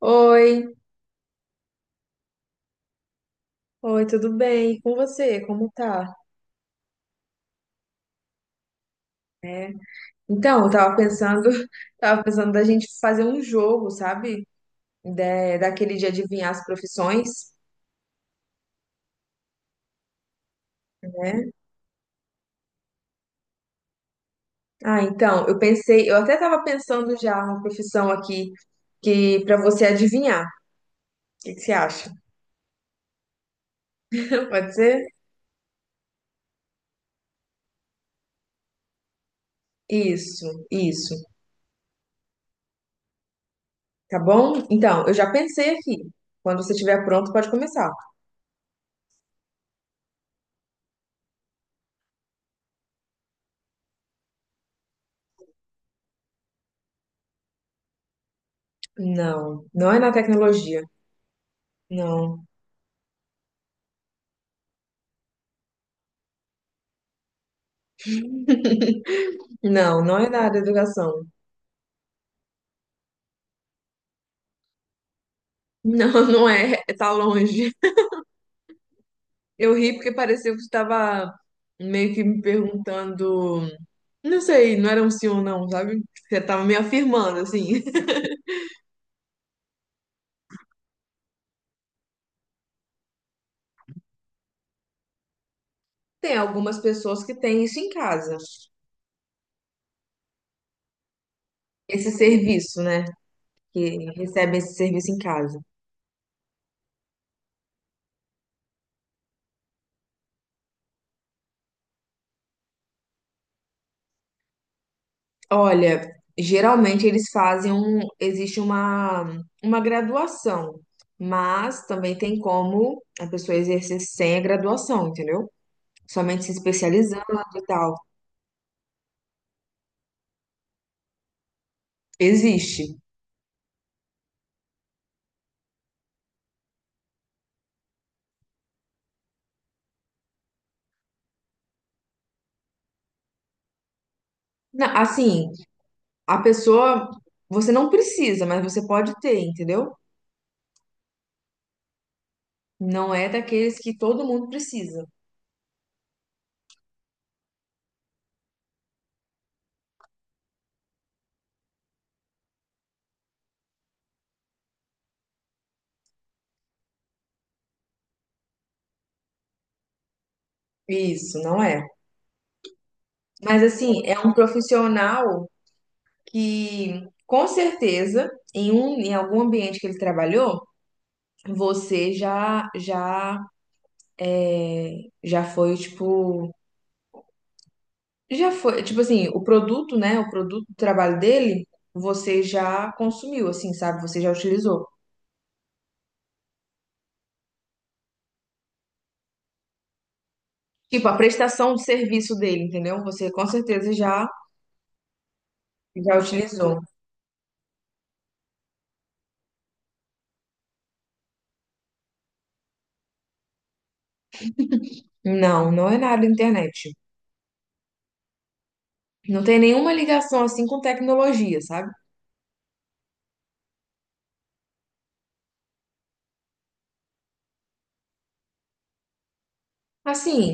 Oi, oi, tudo bem? E com você? Como tá? Então, eu tava pensando, tava pensando da gente fazer um jogo, sabe? Daquele de adivinhar as profissões, né? Ah, então, eu pensei, eu até tava pensando já uma profissão aqui que para você adivinhar. O que você acha? Pode ser? Isso, isso. Tá bom? Então, eu já pensei aqui. Quando você estiver pronto, pode começar. Não, não é na tecnologia. Não, não, não é na área da educação. Não, não é, é, tá longe. Eu ri porque pareceu que você estava meio que me perguntando, não sei, não era um sim ou não, sabe? Você tava me afirmando, assim. Tem algumas pessoas que têm isso em casa, esse serviço, né? Que recebem esse serviço em casa. Olha, geralmente eles fazem um, existe uma graduação, mas também tem como a pessoa exercer sem a graduação, entendeu? Somente se especializando e tal. Existe. Assim, a pessoa, você não precisa, mas você pode ter, entendeu? Não é daqueles que todo mundo precisa. Isso, não é. Mas assim, é um profissional que, com certeza, em um, em algum ambiente que ele trabalhou, você é, já foi, já foi, tipo assim, o produto, né, o produto do trabalho dele, você já consumiu, assim, sabe? Você já utilizou. Tipo, a prestação de serviço dele, entendeu? Você com certeza já. Já utilizou? Não, não é nada internet. Não tem nenhuma ligação assim com tecnologia, sabe? Assim,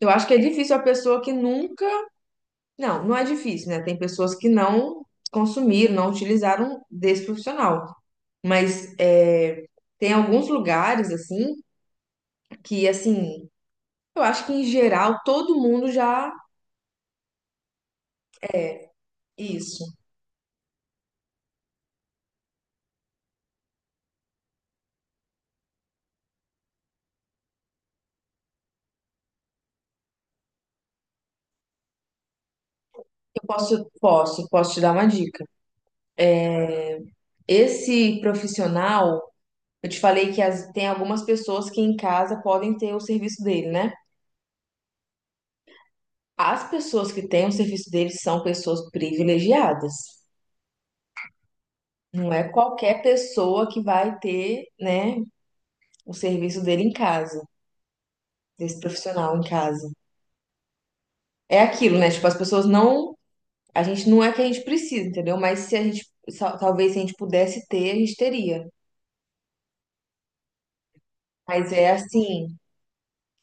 eu acho que é difícil a pessoa que nunca. Não, não é difícil, né? Tem pessoas que não consumiram, não utilizaram desse profissional. Mas é, tem alguns lugares, assim, que, assim, eu acho que em geral todo mundo já. Isso. Eu posso te dar uma dica. Esse profissional. Eu te falei que tem algumas pessoas que em casa podem ter o serviço dele, né? As pessoas que têm o serviço dele são pessoas privilegiadas. Não é qualquer pessoa que vai ter, né, o serviço dele em casa, desse profissional em casa. É aquilo, né? Tipo, as pessoas não. A gente não é que a gente precisa, entendeu? Mas se a gente. Talvez se a gente pudesse ter, a gente teria. Mas é assim.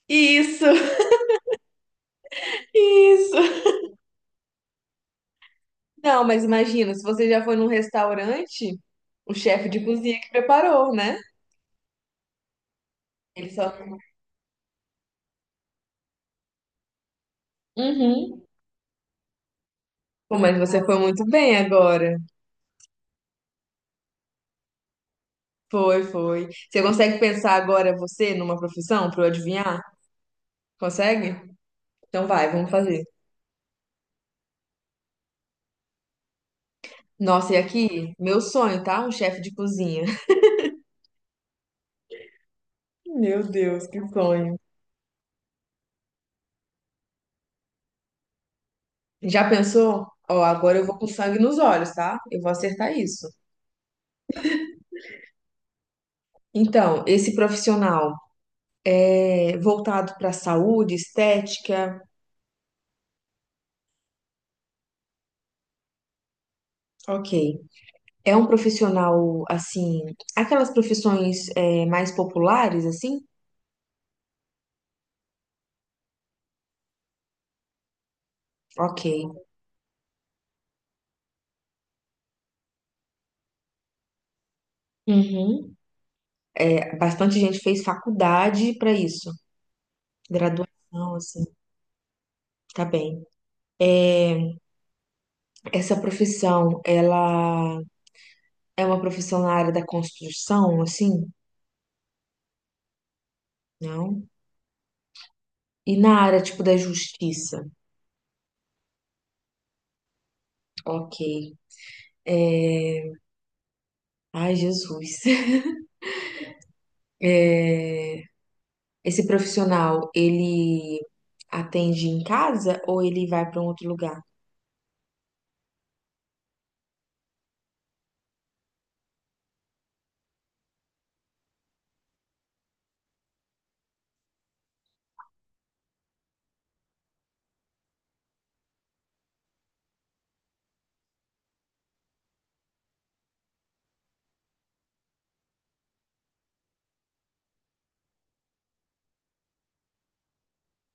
Isso! Isso! Não, mas imagina, se você já foi num restaurante, o chefe de cozinha que preparou, né? Ele só. Uhum. Pô, mas você foi muito bem agora. Foi, foi. Você consegue pensar agora você numa profissão para eu adivinhar? Consegue? Então vai, vamos fazer. Nossa, e aqui, meu sonho, tá? Um chefe de cozinha. Meu Deus, que sonho. Já pensou? Ó, agora eu vou com sangue nos olhos, tá? Eu vou acertar isso. Então, esse profissional é voltado para saúde, estética, ok. É um profissional, assim, aquelas profissões é, mais populares, assim? Ok. Uhum. É, bastante gente fez faculdade para isso, graduação, assim, tá bem. Essa profissão, ela é uma profissão na área da construção, assim? Não. E na área, tipo, da justiça? Ok. É... Ai, Jesus. É, esse profissional, ele atende em casa ou ele vai para um outro lugar?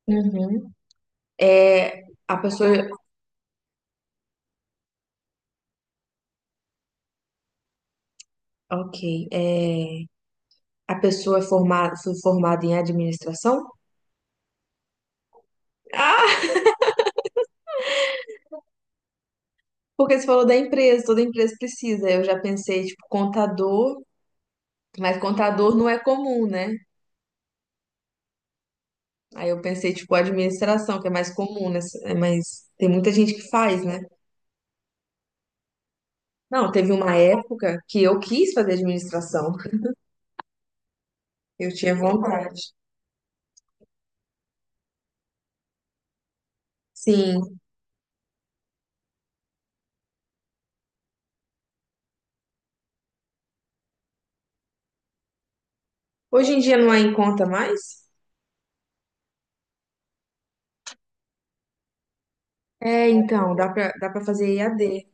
Uhum. É, a pessoa, ok, é, a pessoa é formada, foi formada em administração? Ah, porque você falou da empresa, toda empresa precisa. Eu já pensei, tipo, contador, mas contador não é comum, né? Aí eu pensei, tipo, administração, que é mais comum, né? É mais, tem muita gente que faz, né? Não, teve uma época que eu quis fazer administração, eu tinha vontade. Sim, hoje em dia não é em conta mais? É, então, dá pra fazer EAD.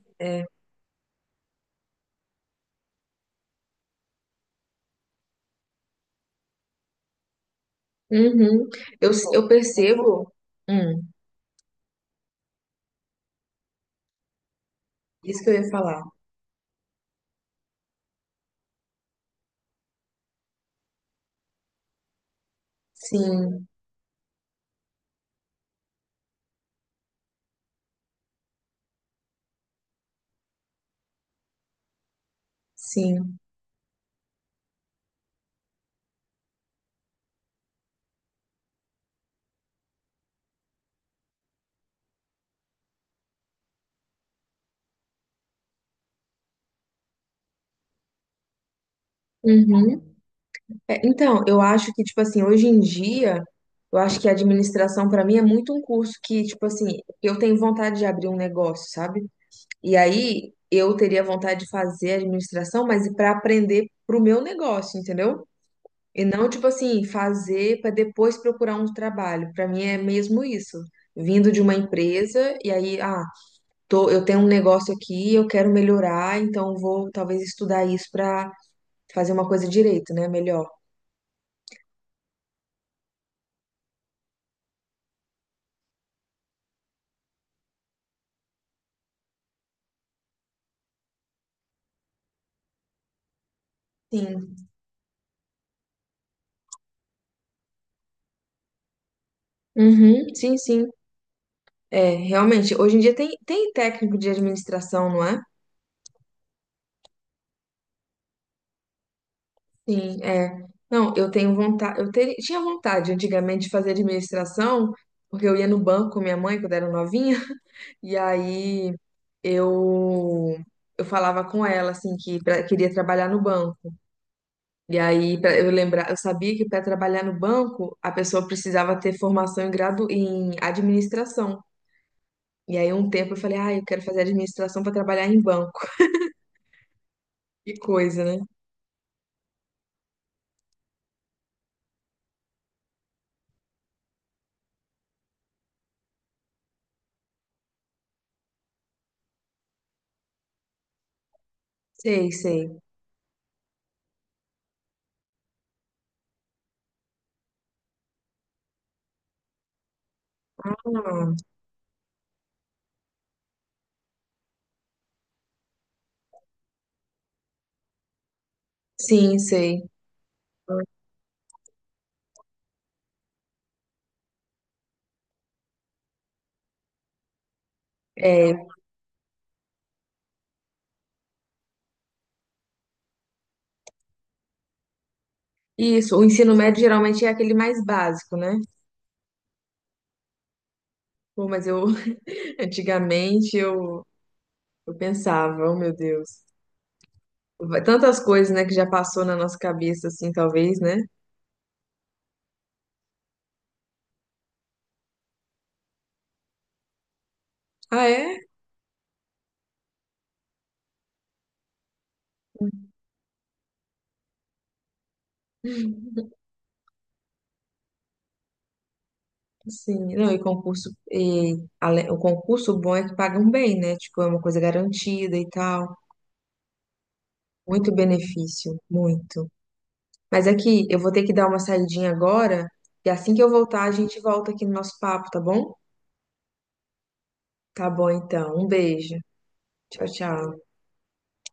Uhum. Eu percebo. Hum, isso que eu ia falar. Sim, sim. Uhum. É, então, eu acho que, tipo assim, hoje em dia, eu acho que a administração, pra mim, é muito um curso que, tipo assim, eu tenho vontade de abrir um negócio, sabe? E aí eu teria vontade de fazer administração, mas para aprender pro meu negócio, entendeu? E não, tipo assim, fazer pra depois procurar um trabalho. Pra mim é mesmo isso. Vindo de uma empresa, e aí, ah, tô, eu tenho um negócio aqui, eu quero melhorar, então vou talvez estudar isso para fazer uma coisa direito, né? Melhor. Sim. Uhum, sim, sim. É, realmente, hoje em dia tem técnico de administração, não é? Sim, é. Não, eu tenho vontade, tinha vontade antigamente de fazer administração, porque eu ia no banco com minha mãe quando era novinha, e aí eu eu falava com ela assim que queria trabalhar no banco. E aí, pra eu lembrar, eu sabia que para trabalhar no banco, a pessoa precisava ter formação em gradu em administração. E aí, um tempo eu falei, ah, eu quero fazer administração para trabalhar em banco. Que coisa, né? Sei, sei. Ah, sim, sei. É, isso. O ensino médio geralmente é aquele mais básico, né? Pô, mas eu, antigamente, eu pensava, oh meu Deus. Tantas coisas, né, que já passou na nossa cabeça, assim, talvez, né? Ah, é? Sim, não, e concurso, e, o concurso bom é que pagam bem, né? Tipo, é uma coisa garantida e tal. Muito benefício, muito. Mas aqui, eu vou ter que dar uma saidinha agora, e assim que eu voltar, a gente volta aqui no nosso papo, tá bom? Tá bom, então. Um beijo. Tchau, tchau.